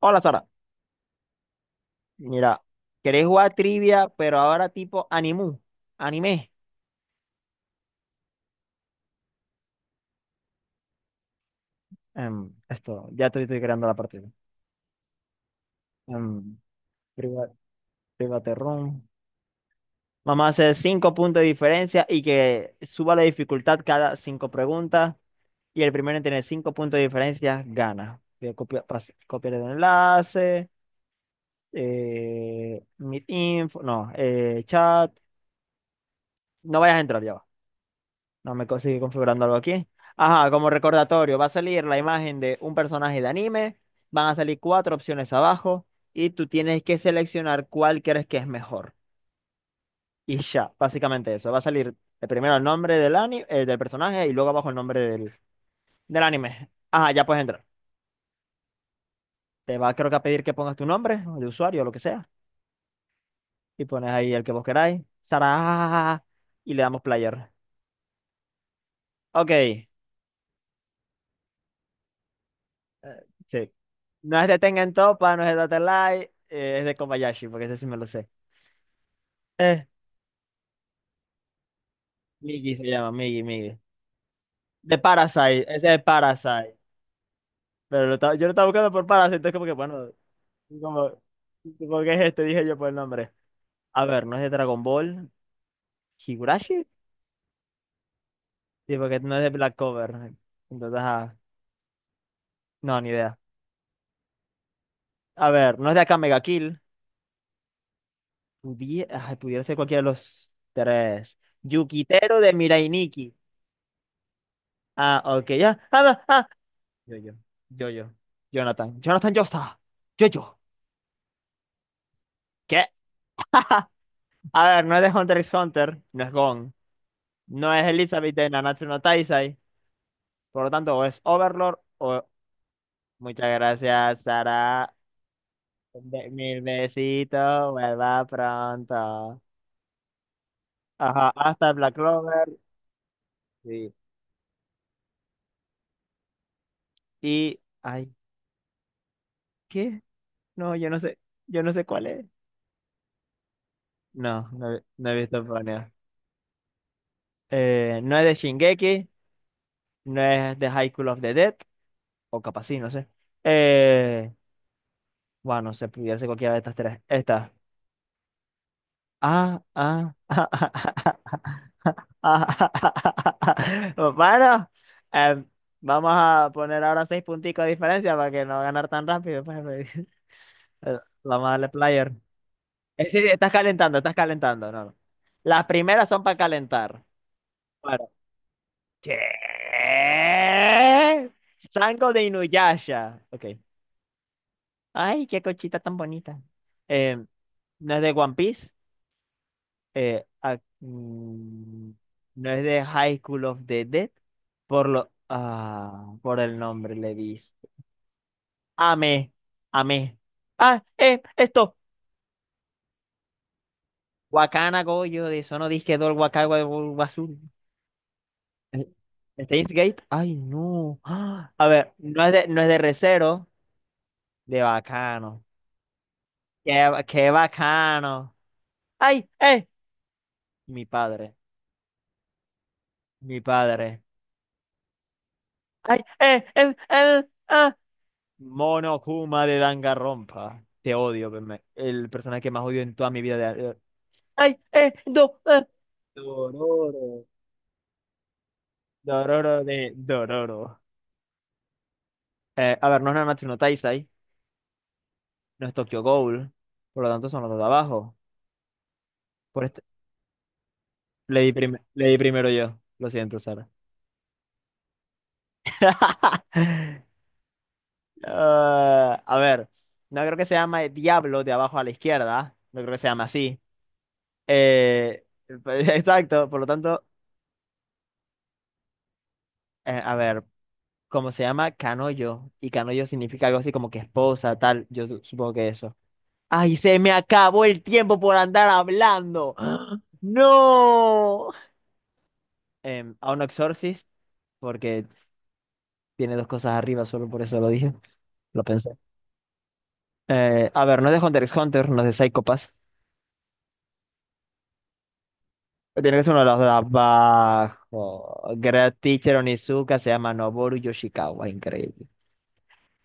Hola, Sara, mira, ¿querés jugar trivia, pero ahora tipo animu, anime? Ya estoy creando la partida. Em, priva- private. Vamos a hacer cinco puntos de diferencia y que suba la dificultad cada cinco preguntas. Y el primero en tener cinco puntos de diferencia gana. Voy a copiar el enlace, meet info, no, chat. No vayas a entrar, ya va. No me co- Sigue configurando algo aquí. Ajá, como recordatorio, va a salir la imagen de un personaje de anime, van a salir cuatro opciones abajo y tú tienes que seleccionar cuál crees que es mejor. Y ya, básicamente eso. Va a salir primero el nombre del del personaje y luego abajo el nombre del anime. Ajá, ya puedes entrar. Te va, creo que, a pedir que pongas tu nombre o de usuario o lo que sea, y pones ahí el que vos queráis. Sara, ja, ja, ja, ja, y le damos player. Ok. Sí. No es de Tengen Toppa, no es de Data Light, es de Kobayashi, porque ese sí me lo sé. Eh, Migi se llama, Migi, Migi. De Parasite, ese es Parasite. Pero yo lo estaba buscando por Parasite, entonces como que, bueno, como, como que es este, dije yo por el nombre. A ver, no es de Dragon Ball, Higurashi, sí, porque no es de Black Clover. Entonces, ajá, no, ni idea. A ver, no es de acá Mega Kill. Ay, pudiera ser cualquiera de los tres. Yukitero de Mirai Nikki. Ah, ok, ya. Ah, no. Yo, yo, yo, Jonathan, Jonathan Joestar, yo, yo. ¿Qué? A ver, no es de Hunter x Hunter, no es Gon, no es Elizabeth de Nanatsu no Taizai, por lo tanto, o es Overlord o. Muchas gracias, Sara. Mil besitos, vuelva pronto. Ajá, hasta Black Clover. Sí. Y. Ay, ¿qué? No, yo no sé cuál es. No, no, he no he visto Ponyo. No es de Shingeki, no es de High School of the Dead. O capaz sí, no sé. Eh, bueno, no sé, pudiera ser cualquiera de estas tres. Esta. Ah, ah, ah, ah, ah, ah, ah, ah, ah, ah. Bueno, em, vamos a poner ahora seis punticos de diferencia para que no ganar tan rápido, pues. Eh, Vamos a darle player. Sí, sí, estás calentando, estás calentando. No, no. Las primeras son para calentar. Bueno. ¿Qué? Sango de Inuyasha. Ok. Ay, qué cochita tan bonita. Em, ¿No es de One Piece? eh, ac- mm, no es de High School of the Dead, por lo, ah, por el nombre le diste. Amé, amé. Ah, esto. Wakana Goyo de Sono Disque Dol Wakawa Wazul. Eh, Steins Gate. Ay, no. Ah, a ver, no es de Recero, de bacano. Qué, qué bacano. Ay, eh. Mi padre, mi padre. Ay, ah, Mono Kuma de Danganronpa. Te odio, el personaje que más odio en toda mi vida. De... ¡Ay! ¡Eh! ¡Do! ¡Ah! Dororo. Dororo de Dororo. A ver, no es Nanatsu no Taizai, no es Tokyo Ghoul, por lo tanto son los dos de abajo. Por este... le di primero yo, lo siento, Sara. Ah, a ver, no creo que se llame Diablo de abajo a la izquierda, no creo que se llame así. Eh, exacto, por lo tanto, a ver. Como se llama Canoyo, y Canoyo significa algo así como que esposa, tal, supongo que eso. ¡Ay, se me acabó el tiempo por andar hablando! ¡Ah! ¡No! A un Exorcist, porque tiene dos cosas arriba, solo por eso lo dije, lo pensé. A ver, no es de Hunter x Hunter, no es de Psycho Pass. Tiene que ser uno de los de abajo. Great Teacher Onizuka se llama Noboru Yoshikawa, increíble.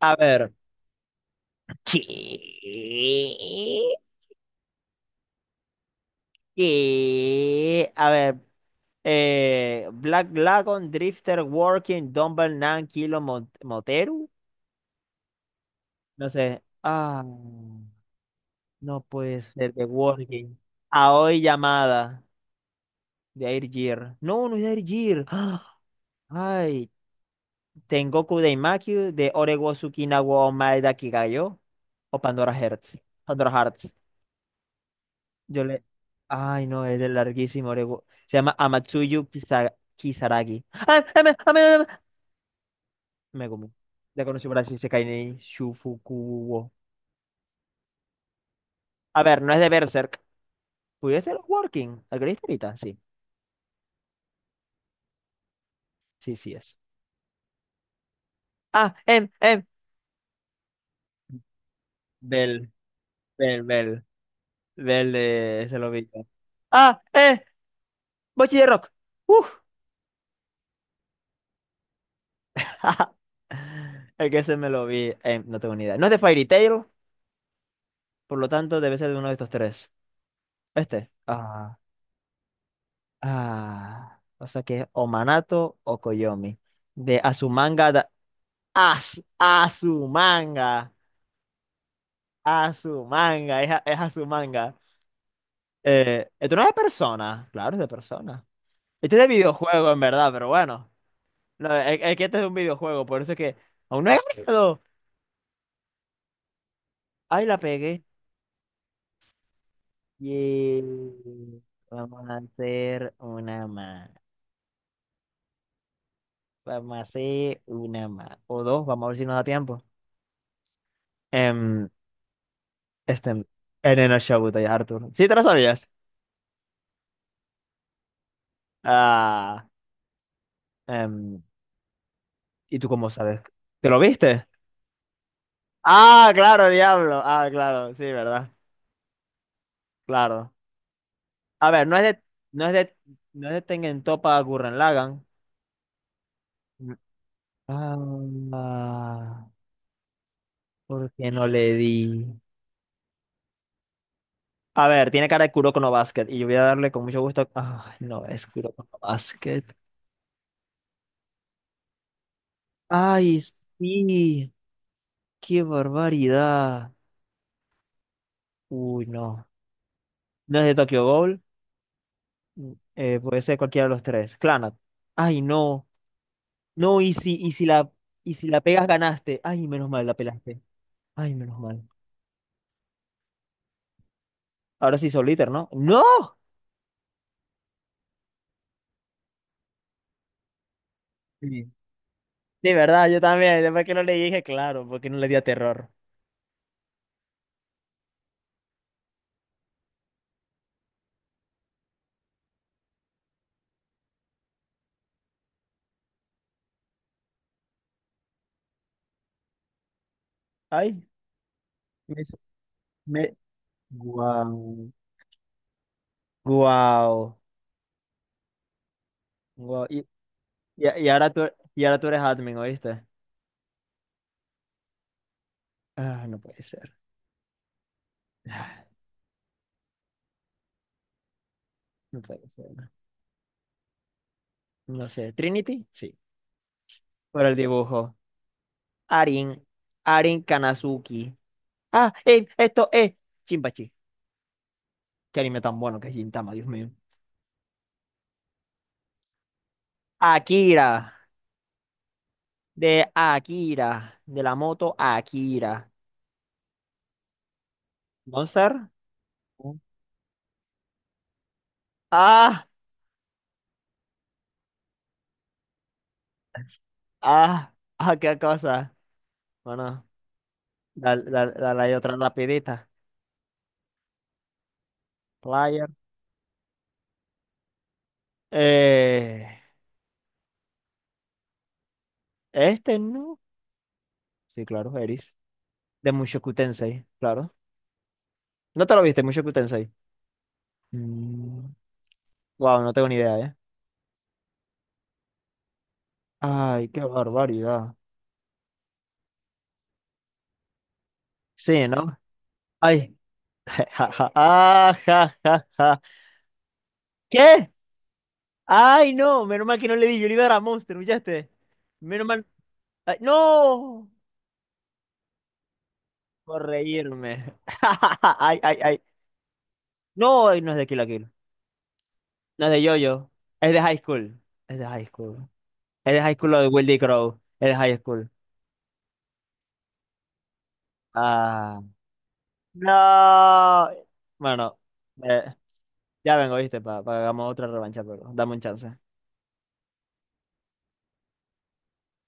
A ver. ¿Qué? Y, a ver, Black Lagoon, Drifter, Working, Dumbbell, Nan, Kilo, Moteru. No sé. Ah, no puede ser de Working. Aoi llamada de Airgear. No, no es de Airgear. ¡Ah! Ay, Tengoku Daimaku de Orego Tsukina wa Omae da Kigayo o Pandora Hearts. Pandora Hearts. Yo le. Ay, no, es del larguísimo Orego. Se llama Kisaragi. ¡Ay, Megumi! De Konosuba Isekai ni Shufuku. A ver, no es de Berserk. ¿Pudiese ser Working? ¿Alguna historita? Sí, sí, sí es. Ah, em, em. Bell, Bell, Bell. Bell de ese lobillo. Ah, Bochi de Rock. Uf. El que se me lo vi, no tengo ni idea. No es de Fairy Tail, por lo tanto debe ser de uno de estos tres. Este. Ah, ah. O sea que es o Manato o Koyomi. De Azumanga. Da... As, Azumanga. A su manga, es a su manga. Esto no es de persona, claro, es de persona. Este es de videojuego, en verdad, pero bueno. No, es que este es de un videojuego, por eso es que aún no he ganado. Ay, la pegué. Y vamos a hacer una más. Vamos a hacer una más. O dos, vamos a ver si nos da tiempo. Em, este, Elena Shabutai, Arthur. ¿Sí te lo sabías? Ah, em, ¿y tú cómo sabes? ¿Te lo viste? Ah, claro, diablo. Ah, claro, sí, ¿verdad? Claro. A ver, no es de, no es de Tengen Toppa Gurren Lagann. Mm. Ah, ¿por qué no le di? A ver, tiene cara de Kuroko no Basket y yo voy a darle con mucho gusto. Ay, no, es Kuroko no Basket. Ay, sí, qué barbaridad. Uy, no. No es de Tokyo Ghoul. Mm, puede ser cualquiera de los tres. Clannad. Ay, no. No, y si la pegas, ganaste. Ay, menos mal, la pelaste. Ay, menos mal. Ahora sí, Soliter, ¿no? ¡No! Sí, sí, verdad, yo también. Después que no le dije, claro, porque no le di a terror. Ay, me, me- guau, guau, guau. Y ahora y ahora tú eres admin, ¿oíste? Ah, no puede ser. Ah, no puede ser. No sé. ¿Trinity? Sí. Por el dibujo. Arin. Arin Kanazuki. Ah, esto es. Chimpachi. Qué anime tan bueno que es Gintama, Dios mío. Akira. De Akira. De la moto Akira. ¿Monster? Ah. Ah, ah, qué cosa. Bueno, dale, dale, dale ahí otra rapidita. Player. Eh, este no. Sí, claro, Eris. De Mushoku Tensei, claro. ¿No te lo viste, Mushoku Tensei? Wow, no tengo ni idea, ¿eh? Ay, qué barbaridad. Sí, ¿no? Ay. Ja, ja, ah, ja, ja, ja. ¿Qué? Ay, no, menos mal que no le di, yo le iba a dar a Monster, ¿escuchaste? Menos mal. Ay, no, por reírme. Ay, ay, ay. No, ay, no es de Kill la. No es de Yoyo. Es de High School. Es de High School. Es de High School lo de Willy Crow. Es de High School. Ah. No. Bueno, eh, ya vengo, ¿viste? Para que hagamos otra revancha, pero dame un chance.